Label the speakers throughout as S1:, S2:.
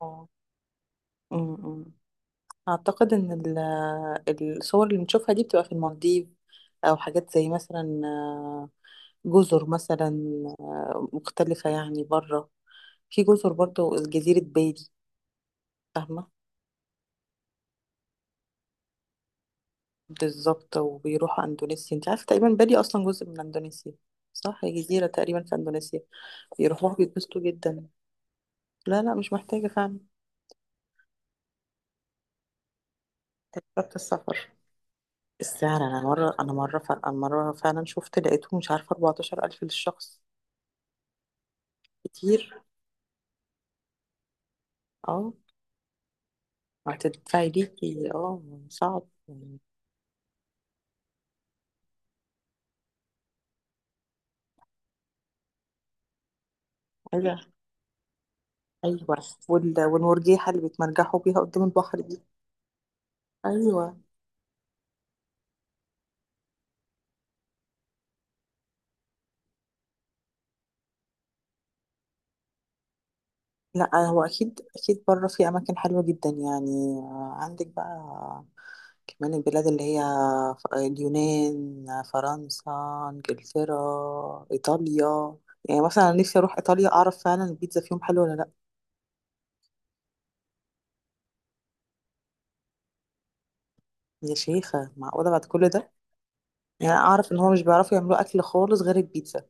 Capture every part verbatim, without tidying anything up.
S1: اه أمم. اعتقد ان ال- الصور اللي بنشوفها دي بتبقى في المالديف، او حاجات زي مثلا آه، جزر مثلا آه، مختلفة يعني بره. في جزر برضه، جزيرة بالي. فاهمة بالظبط، وبيروحوا اندونيسيا. انت عارفة تقريبا بالي اصلا جزء من اندونيسيا، صح هي جزيرة تقريبا في اندونيسيا، بيروحوها بيتبسطوا جدا. لا لا مش محتاجة فعلا. تذكرة السفر، السعر. انا مرة انا مرة ف- أنا مرة فعلا شفت لقيته مش عارفة اربعتاشر الف للشخص، كتير. اه، هتدفعي ليكي، اه صعب يعني. ايوه ايوه، وال... والمرجيحه اللي بيتمرجحوا بيها قدام البحر دي. ايوه، لا هو اكيد اكيد بره في اماكن حلوه جدا يعني. آه، عندك بقى كمان البلاد اللي هي ف- اليونان، فرنسا، انجلترا، ايطاليا. يعني مثلا أنا نفسي اروح ايطاليا، اعرف فعلا البيتزا فيهم حلوه ولا لا. يا شيخه معقوله بعد كل ده؟ يعني أنا اعرف ان هو مش بيعرفوا يعملوا اكل خالص غير البيتزا،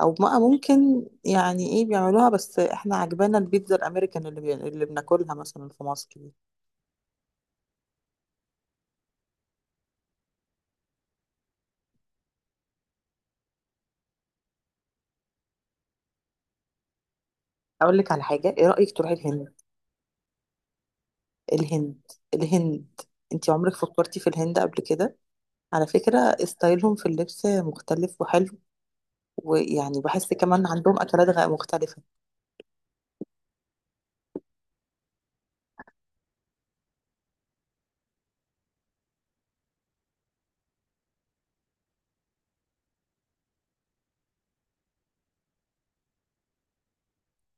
S1: او بقى ممكن يعني ايه بيعملوها، بس احنا عجبانا البيتزا الامريكان اللي بي... اللي بناكلها مثلا في مصر دي. اقول لك على حاجه، ايه رايك تروحي الهند؟ الهند، الهند. انت عمرك فكرتي في الهند قبل كده؟ على فكره ستايلهم في اللبس مختلف وحلو، ويعني بحس كمان عندهم اكلات غ- مختلفه.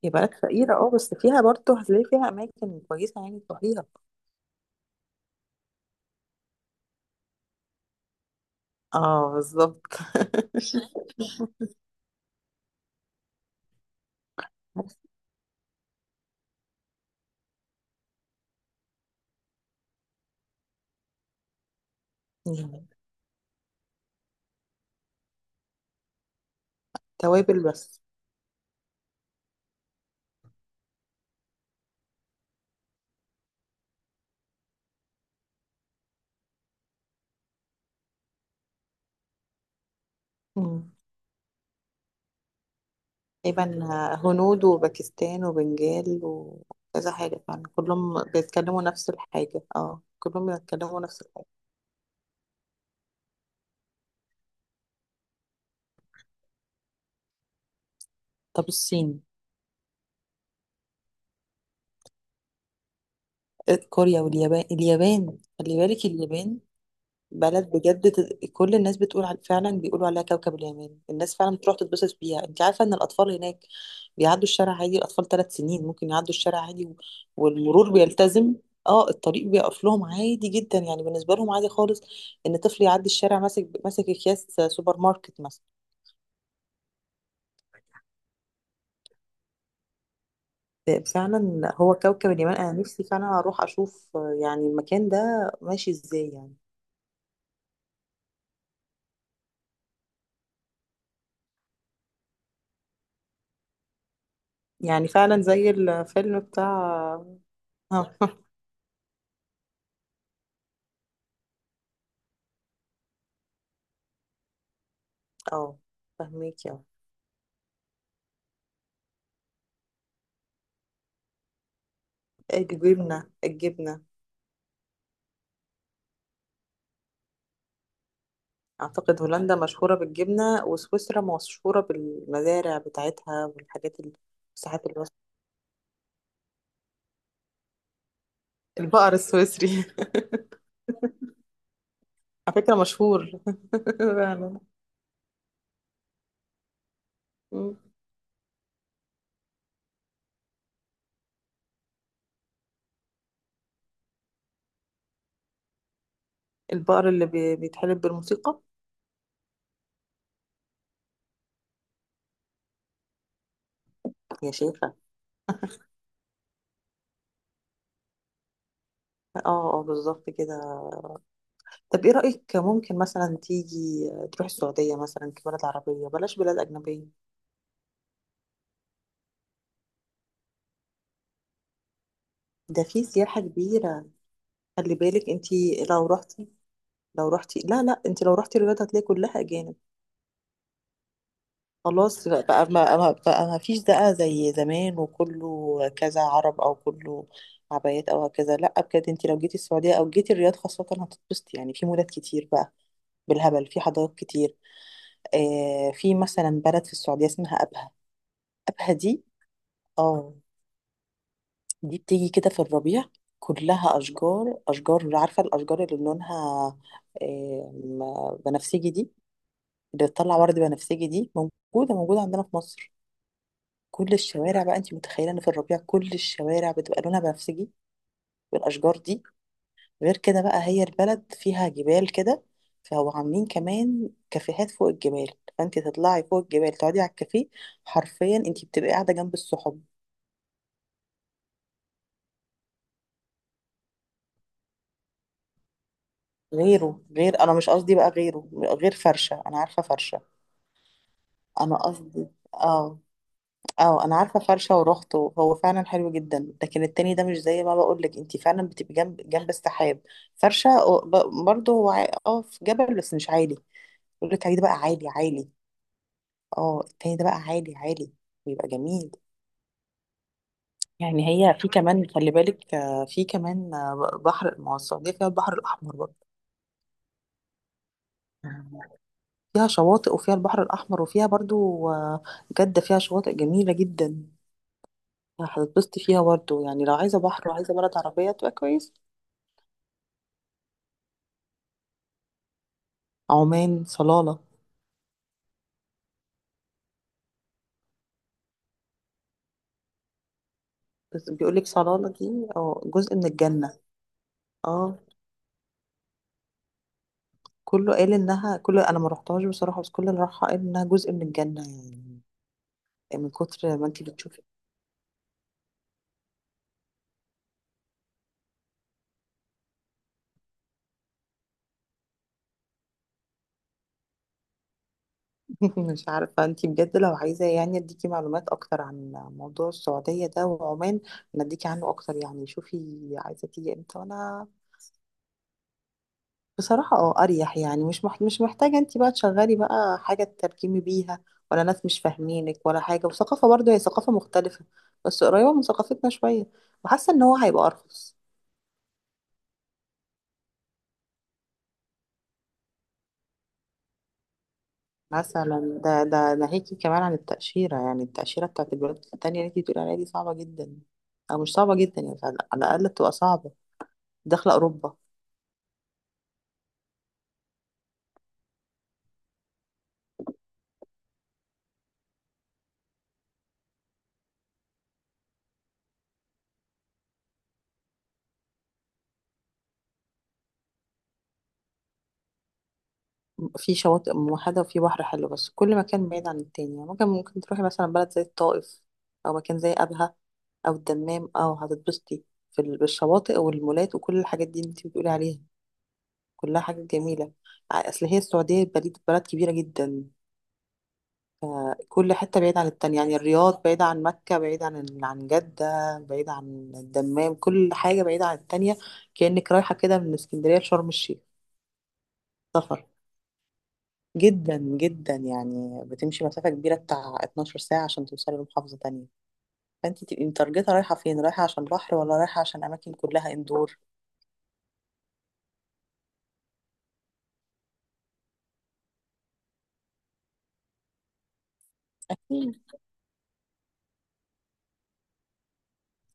S1: هي بلد فقيره اه، بس فيها برضه هتلاقي فيها اماكن كويسه يعني تروحيها. اه بالظبط. يعني توابل بس. مم. تقريبا هنود وباكستان وبنجال وكذا حاجة، يعني كلهم بيتكلموا نفس الحاجة، اه كلهم بيتكلموا نفس الحاجة. طب الصين؟ إيه، كوريا واليابان، اليابان خلي بالك، اليابان بلد بجد. ت- كل الناس بتقول على، فعلا بيقولوا عليها كوكب اليمن، الناس فعلا بتروح تتبسط بيها. انت عارفه ان الاطفال هناك بيعدوا الشارع عادي، الاطفال ثلاث سنين ممكن يعدوا الشارع عادي و- والمرور بيلتزم. اه الطريق بيقف لهم عادي جدا، يعني بالنسبه لهم عادي خالص ان طفل يعدي الشارع ماسك ماسك اكياس سوبر ماركت مثلا. آه، فعلا هو كوكب اليمن، انا نفسي فعلا اروح اشوف آه، يعني المكان ده ماشي ازاي يعني. يعني فعلا زي الفيلم بتاع. اه فهميك يعني. الجبنة، الجبنة. أعتقد هولندا مشهورة بالجبنة، وسويسرا مشهورة بالمزارع بتاعتها والحاجات ال- الساحات اللي وسط- البقر السويسري. على فكرة مشهور. فعلا. مم. البقر اللي بي- بيتحلب بالموسيقى. يا شيخة، اه اه بالظبط كده. طب ايه رأيك ممكن مثلا تيجي تروح السعودية مثلا كبلد عربية، بلاش بلاد أجنبية؟ ده في سياحة كبيرة. خلي بالك، انتي لو رحتي، لو رحتي، لا لا، انتي لو رحتي الرياض هتلاقي كلها أجانب. خلاص بقى، ما ما- بقى ما فيش بقى زي زمان، وكله كذا عرب او كله عبايات او كذا. لا بجد، انت لو جيتي السعوديه او جيتي الرياض خاصه هتتبسطي. يعني في مولات كتير بقى بالهبل، في حدائق كتير. آه في مثلا بلد في السعوديه اسمها ابها. ابها دي، اه دي بتيجي كده في الربيع كلها اشجار، اشجار عارفه الاشجار اللي لونها آه بنفسجي دي، اللي بتطلع ورد بنفسجي دي، موجوده موجوده عندنا في مصر. كل الشوارع بقى انت متخيله ان في الربيع كل الشوارع بتبقى لونها بنفسجي، والاشجار دي. غير كده بقى، هي البلد فيها جبال كده، فهو عاملين كمان كافيهات فوق الجبال، فانت تطلعي فوق الجبال تقعدي على الكافيه، حرفيا انت بتبقي قاعده جنب السحب. غيره، غير انا مش قصدي بقى، غيره غير فرشه، انا عارفه فرشه. انا قصدي اه. اه انا عارفه فرشه ورحت وهو فعلا حلو جدا، لكن التاني ده مش زي ما بقول لك، انت فعلا بتبقي جنب جنب السحاب. فرشه و- ب- برضه هو عا- اه في جبل بس مش عالي. يقول لك عليه ده بقى عالي عالي. اه التاني ده بقى عالي عالي، بيبقى جميل. يعني هي في كمان، خلي بالك آه، في كمان آه، بحر. ما هو السعوديه فيها البحر الاحمر برضه، فيها شواطئ وفيها البحر الاحمر وفيها برضه آه، جده فيها شواطئ جميله جدا. هتتبسطي فيها برضه يعني، لو عايزه بحر وعايزه بلد عربيه تبقى كويس. عمان، صلالة، بس بيقولك صلالة دي اه جزء من الجنة. اه كله قال انها، كله، انا ما رحتهاش بصراحة، بس كل اللي راحها قال انها جزء من الجنة. يعني من كتر ما انتي بتشوفي. مش عارفة انتي بجد، لو عايزة يعني اديكي معلومات اكتر عن موضوع السعودية ده وعمان، انا اديكي عنه اكتر يعني، شوفي عايزة تيجي امتى وانا. بصراحة اه أريح يعني، مش مح مش محتاجة انت بقى تشغلي بقى حاجة تترجمي بيها، ولا ناس مش فاهمينك ولا حاجة. وثقافة برضه هي ثقافة مختلفة، بس قريبة من ثقافتنا شوية. وحاسة ان هو هيبقى أرخص. مثلا ده ده ناهيكي كمان عن التأشيرة، يعني التأشيرة بتاعت البلاد التانية اللي انت بتقولي عليها دي صعبة جدا. أو مش صعبة جدا يعني، على على الأقل بتبقى صعبة، داخلة أوروبا. في شواطئ موحدة وفي بحر حلو، بس كل مكان بعيد عن التاني. يعني ممكن ممكن تروحي مثلا بلد زي الطائف، أو مكان زي أبها، أو الدمام، أو هتتبسطي في ال- بالشواطئ والمولات وكل الحاجات دي اللي انت بتقولي عليها، كلها حاجات جميلة. ع- أصل هي السعودية بلد بلد كبيرة جدا، فكل حتة بعيدة عن التانية. يعني الرياض بعيدة عن مكة، بعيدة عن ال- عن جدة، بعيدة عن الدمام، كل حاجة بعيدة عن التانية، كأنك رايحة كده من اسكندرية لشرم الشيخ. سفر جدا جدا يعني، بتمشي مسافة كبيرة بتاع 12 ساعة عشان توصلي لمحافظة تانية. فانت تبقي متارجتة رايحة فين، رايحة عشان بحر ولا رايحة عشان أماكن كلها اندور. مم.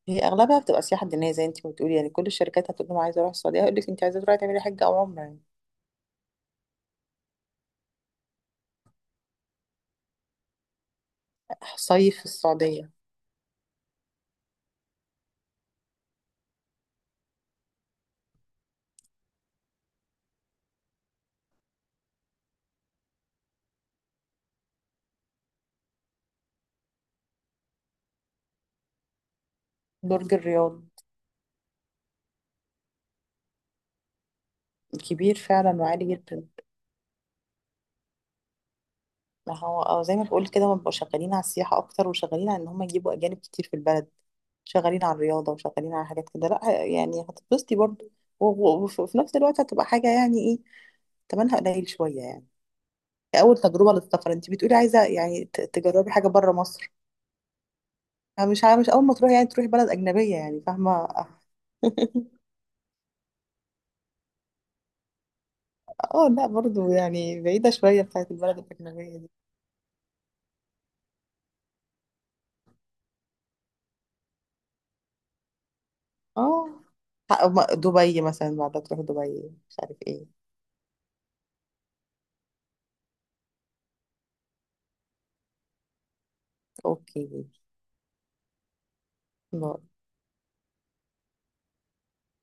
S1: هي أغلبها بتبقى سياحة دينية زي انت ما بتقولي، يعني كل الشركات هتقول لهم عايزة أروح السعودية هيقول لك انت عايزة تروحي تعملي حج أو عمرة يعني. صيف في السعودية. برج الرياض كبير فعلا وعالي جدا. ما هو اه، زي ما بقول كده، هم بيبقوا شغالين على السياحة أكتر، وشغالين على إن هم يجيبوا أجانب كتير في البلد، شغالين على الرياضة وشغالين على حاجات كده. لا يعني هتتبسطي برضه و- و- وف- وفي نفس الوقت هتبقى حاجة يعني إيه، تمنها قليل شوية يعني. أول تجربة للسفر، أنت بتقولي عايزة يعني ت- تجربي حاجة بره مصر. مش عا- مش أول ما تروحي يعني تروحي بلد أجنبية، يعني فاهمة. اه لا برضه يعني بعيدة شوية بتاعت البلد الأجنبية دي. اه دبي مثلا بعد، تروح دبي مش عارف ايه. اوكي، باي.